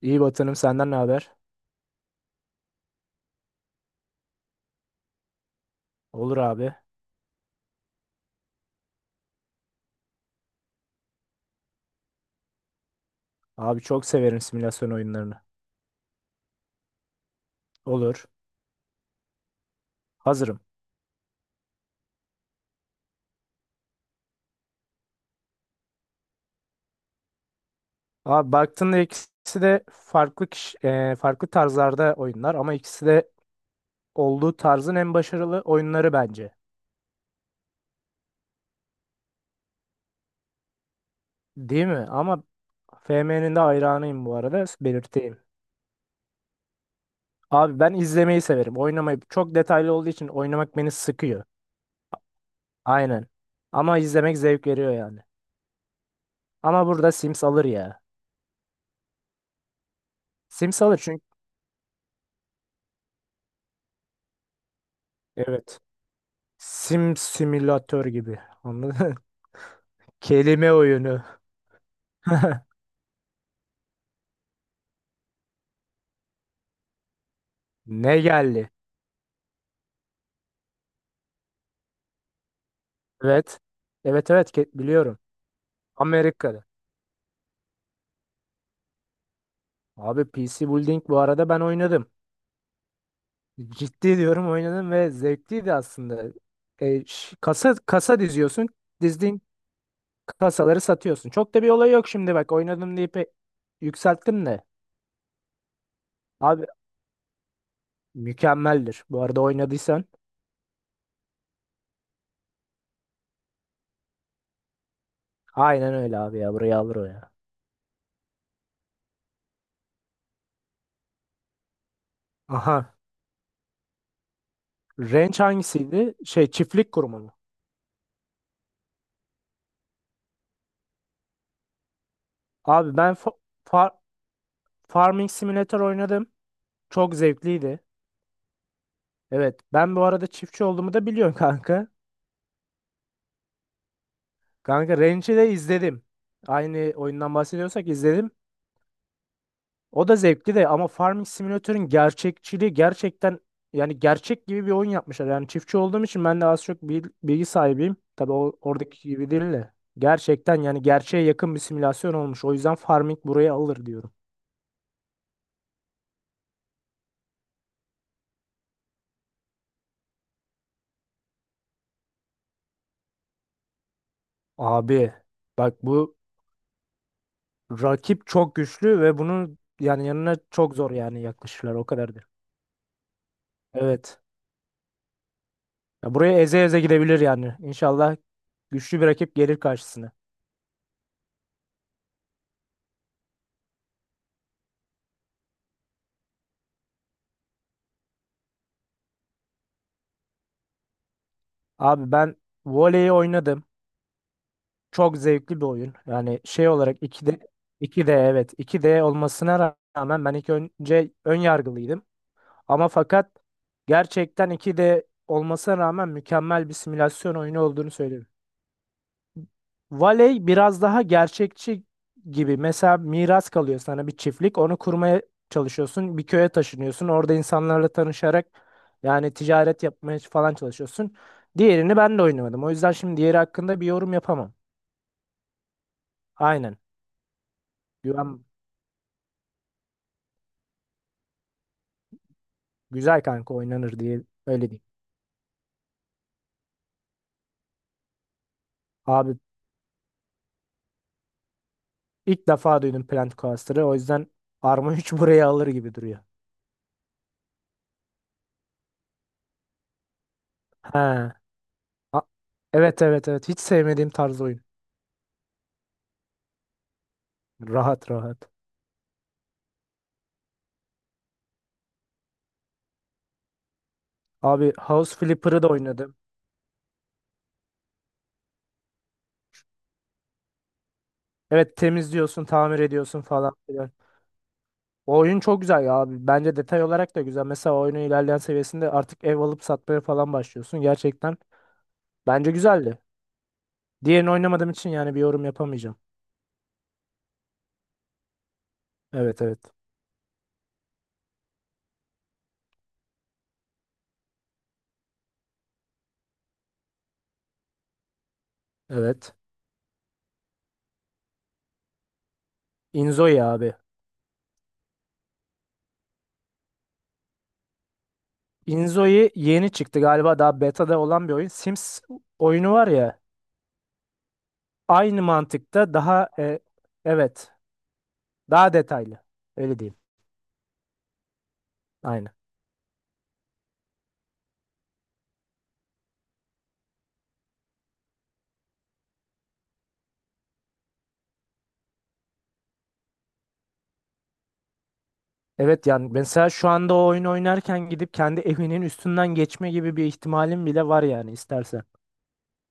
İyi Batı'nım senden ne haber? Olur abi. Abi çok severim simülasyon oyunlarını. Olur. Hazırım. Abi baktığında ikisi de farklı kişi, farklı tarzlarda oyunlar ama ikisi de olduğu tarzın en başarılı oyunları bence. Değil mi? Ama FM'nin de hayranıyım bu arada belirteyim. Abi ben izlemeyi severim. Oynamayı çok detaylı olduğu için oynamak beni sıkıyor. Aynen. Ama izlemek zevk veriyor yani. Ama burada Sims alır ya. Sims alır çünkü evet. Sim simülatör gibi. Anladın mı? Kelime oyunu. Ne geldi? Evet. Evet biliyorum. Amerika'da. Abi PC Building bu arada ben oynadım. Ciddi diyorum oynadım ve zevkliydi aslında. Kasa kasa diziyorsun. Dizdiğin kasaları satıyorsun. Çok da bir olay yok şimdi bak oynadım deyip yükselttim de. Abi mükemmeldir. Bu arada oynadıysan. Aynen öyle abi ya. Buraya alır o ya. Aha. Range hangisiydi? Şey çiftlik kurumu. Abi ben fa- Farming Simulator oynadım. Çok zevkliydi. Evet, ben bu arada çiftçi olduğumu da biliyorsun kanka. Kanka Ranch'i de izledim. Aynı oyundan bahsediyorsak izledim. O da zevkli de ama Farming Simulator'ın gerçekçiliği gerçekten yani gerçek gibi bir oyun yapmışlar. Yani çiftçi olduğum için ben de az çok bilgi sahibiyim. Tabii o, oradaki gibi değil de. Gerçekten yani gerçeğe yakın bir simülasyon olmuş. O yüzden Farming buraya alır diyorum. Abi bak bu rakip çok güçlü ve bunun yani yanına çok zor yani yaklaşırlar, o kadardır. Evet. Ya buraya eze eze gidebilir yani. İnşallah güçlü bir rakip gelir karşısına. Abi ben voleyi oynadım. Çok zevkli bir oyun. Yani şey olarak iki d iki d evet, iki d olmasına rağmen ben ilk önce ön yargılıydım. Ama fakat gerçekten iki d olmasına rağmen mükemmel bir simülasyon oyunu olduğunu söylüyorum. Valey biraz daha gerçekçi gibi. Mesela miras kalıyor sana bir çiftlik. Onu kurmaya çalışıyorsun. Bir köye taşınıyorsun. Orada insanlarla tanışarak yani ticaret yapmaya falan çalışıyorsun. Diğerini ben de oynamadım. O yüzden şimdi diğeri hakkında bir yorum yapamam. Aynen. Güven güzel kanka, oynanır diye öyle diyeyim. Abi ilk defa duydum Plant Coaster'ı. O yüzden Arma 3 buraya alır gibi duruyor. He. A- Evet evet evet. Hiç sevmediğim tarz oyun. Rahat rahat. Abi House Flipper'ı da oynadım. Evet, temizliyorsun, tamir ediyorsun falan filan. O oyun çok güzel ya abi. Bence detay olarak da güzel. Mesela oyunun ilerleyen seviyesinde artık ev alıp satmaya falan başlıyorsun. Gerçekten bence güzeldi. Diğerini oynamadığım için yani bir yorum yapamayacağım. Evet evet. Evet. Inzoi abi. Inzoi yeni çıktı galiba, daha beta'da olan bir oyun. Sims oyunu var ya. Aynı mantıkta daha evet. Daha detaylı. Öyle diyeyim. Aynen. Evet, yani mesela şu anda o oyun oynarken gidip kendi evinin üstünden geçme gibi bir ihtimalim bile var yani istersen.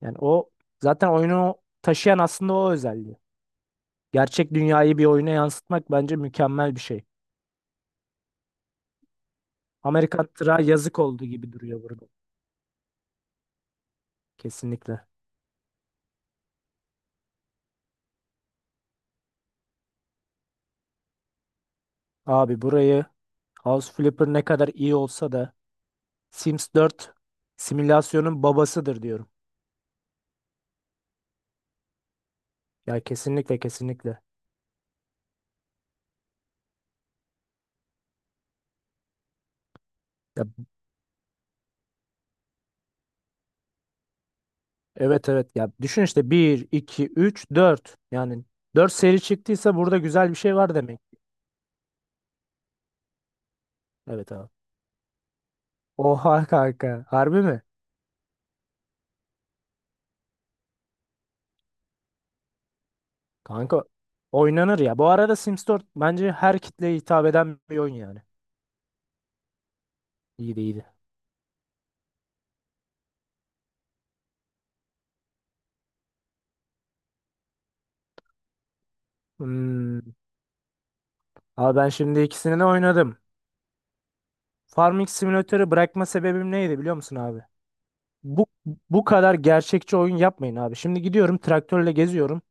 Yani o zaten oyunu taşıyan aslında o özelliği. Gerçek dünyayı bir oyuna yansıtmak bence mükemmel bir şey. Amerikan tırağı yazık oldu gibi duruyor burada. Kesinlikle. Abi burayı House Flipper ne kadar iyi olsa da Sims 4 simülasyonun babasıdır diyorum. Ya kesinlikle kesinlikle. Ya evet evet, ya düşün işte bir 2 3 dört, yani 4 seri çıktıysa burada güzel bir şey var demek. Evet abi. Oha kanka. Harbi mi? Kanka oynanır ya. Bu arada Sims 4 bence her kitleye hitap eden bir oyun yani. İyiydi iyiydi. Hmm. Abi ben şimdi ikisini de oynadım. Farming Simulator'ı bırakma sebebim neydi biliyor musun abi? Bu bu kadar gerçekçi oyun yapmayın abi. Şimdi gidiyorum traktörle geziyorum.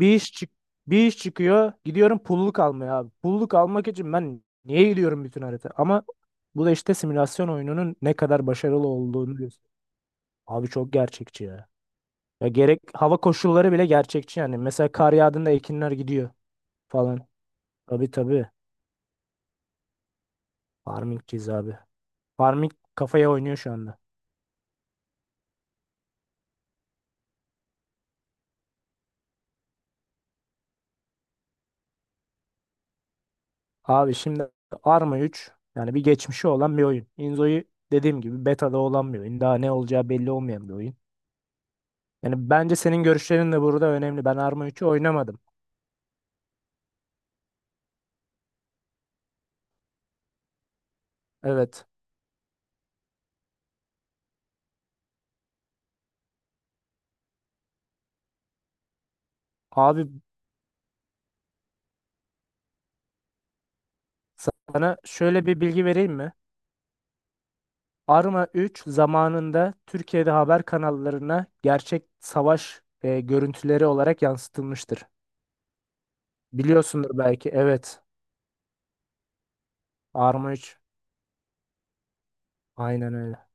Bir iş çık bir iş çıkıyor. Gidiyorum pulluk almaya abi. Pulluk almak için ben niye gidiyorum bütün harita? Ama bu da işte simülasyon oyununun ne kadar başarılı olduğunu gösteriyor. Abi çok gerçekçi ya. Ya gerek hava koşulları bile gerçekçi yani. Mesela kar yağdığında ekinler gidiyor falan. Tabii tabii. Farmingçiyiz abi. Farming kafaya oynuyor şu anda. Abi şimdi Arma üç yani bir geçmişi olan bir oyun. Inzo'yu dediğim gibi beta'da olan bir oyun. Daha ne olacağı belli olmayan bir oyun. Yani bence senin görüşlerin de burada önemli. Ben Arma 3'ü oynamadım. Evet. Abi sana şöyle bir bilgi vereyim mi? Arma 3 zamanında Türkiye'de haber kanallarına gerçek savaş görüntüleri olarak yansıtılmıştır. Biliyorsundur belki. Evet. Arma 3. Aynen öyle.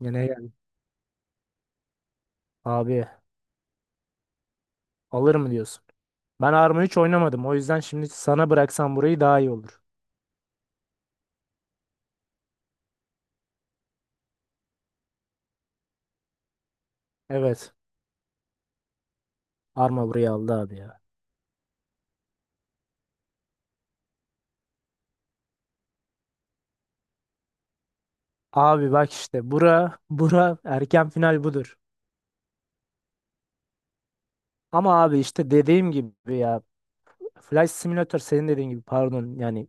Yine geldi. Abi alır mı diyorsun? Ben Arma 3 oynamadım. O yüzden şimdi sana bıraksam burayı daha iyi olur. Evet. Arma burayı aldı abi ya. Abi bak işte bura erken final budur. Ama abi işte dediğim gibi ya, Flight Simulator senin dediğin gibi pardon, yani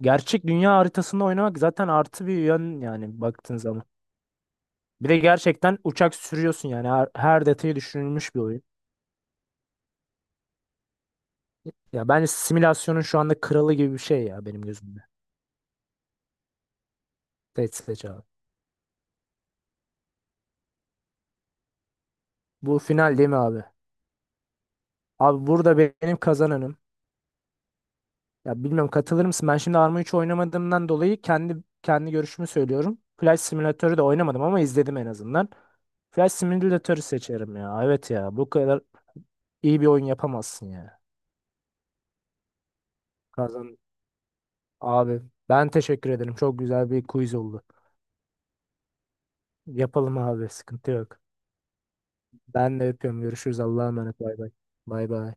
gerçek dünya haritasında oynamak zaten artı bir yön yani baktığın zaman. Bir de gerçekten uçak sürüyorsun yani her detayı düşünülmüş bir oyun. Ya bence simülasyonun şu anda kralı gibi bir şey ya, benim gözümde. Flight Simulator abi. Bu final değil mi abi? Abi burada benim kazananım. Ya bilmiyorum, katılır mısın? Ben şimdi Arma 3 oynamadığımdan dolayı kendi görüşümü söylüyorum. Flight Simulator'ı da oynamadım ama izledim en azından. Flight Simulator'ı seçerim ya. Evet ya. Bu kadar iyi bir oyun yapamazsın ya. Kazan abi. Ben teşekkür ederim. Çok güzel bir quiz oldu. Yapalım abi. Sıkıntı yok. Ben de öpüyorum. Görüşürüz. Allah'a emanet. Bay bay. Bay bay.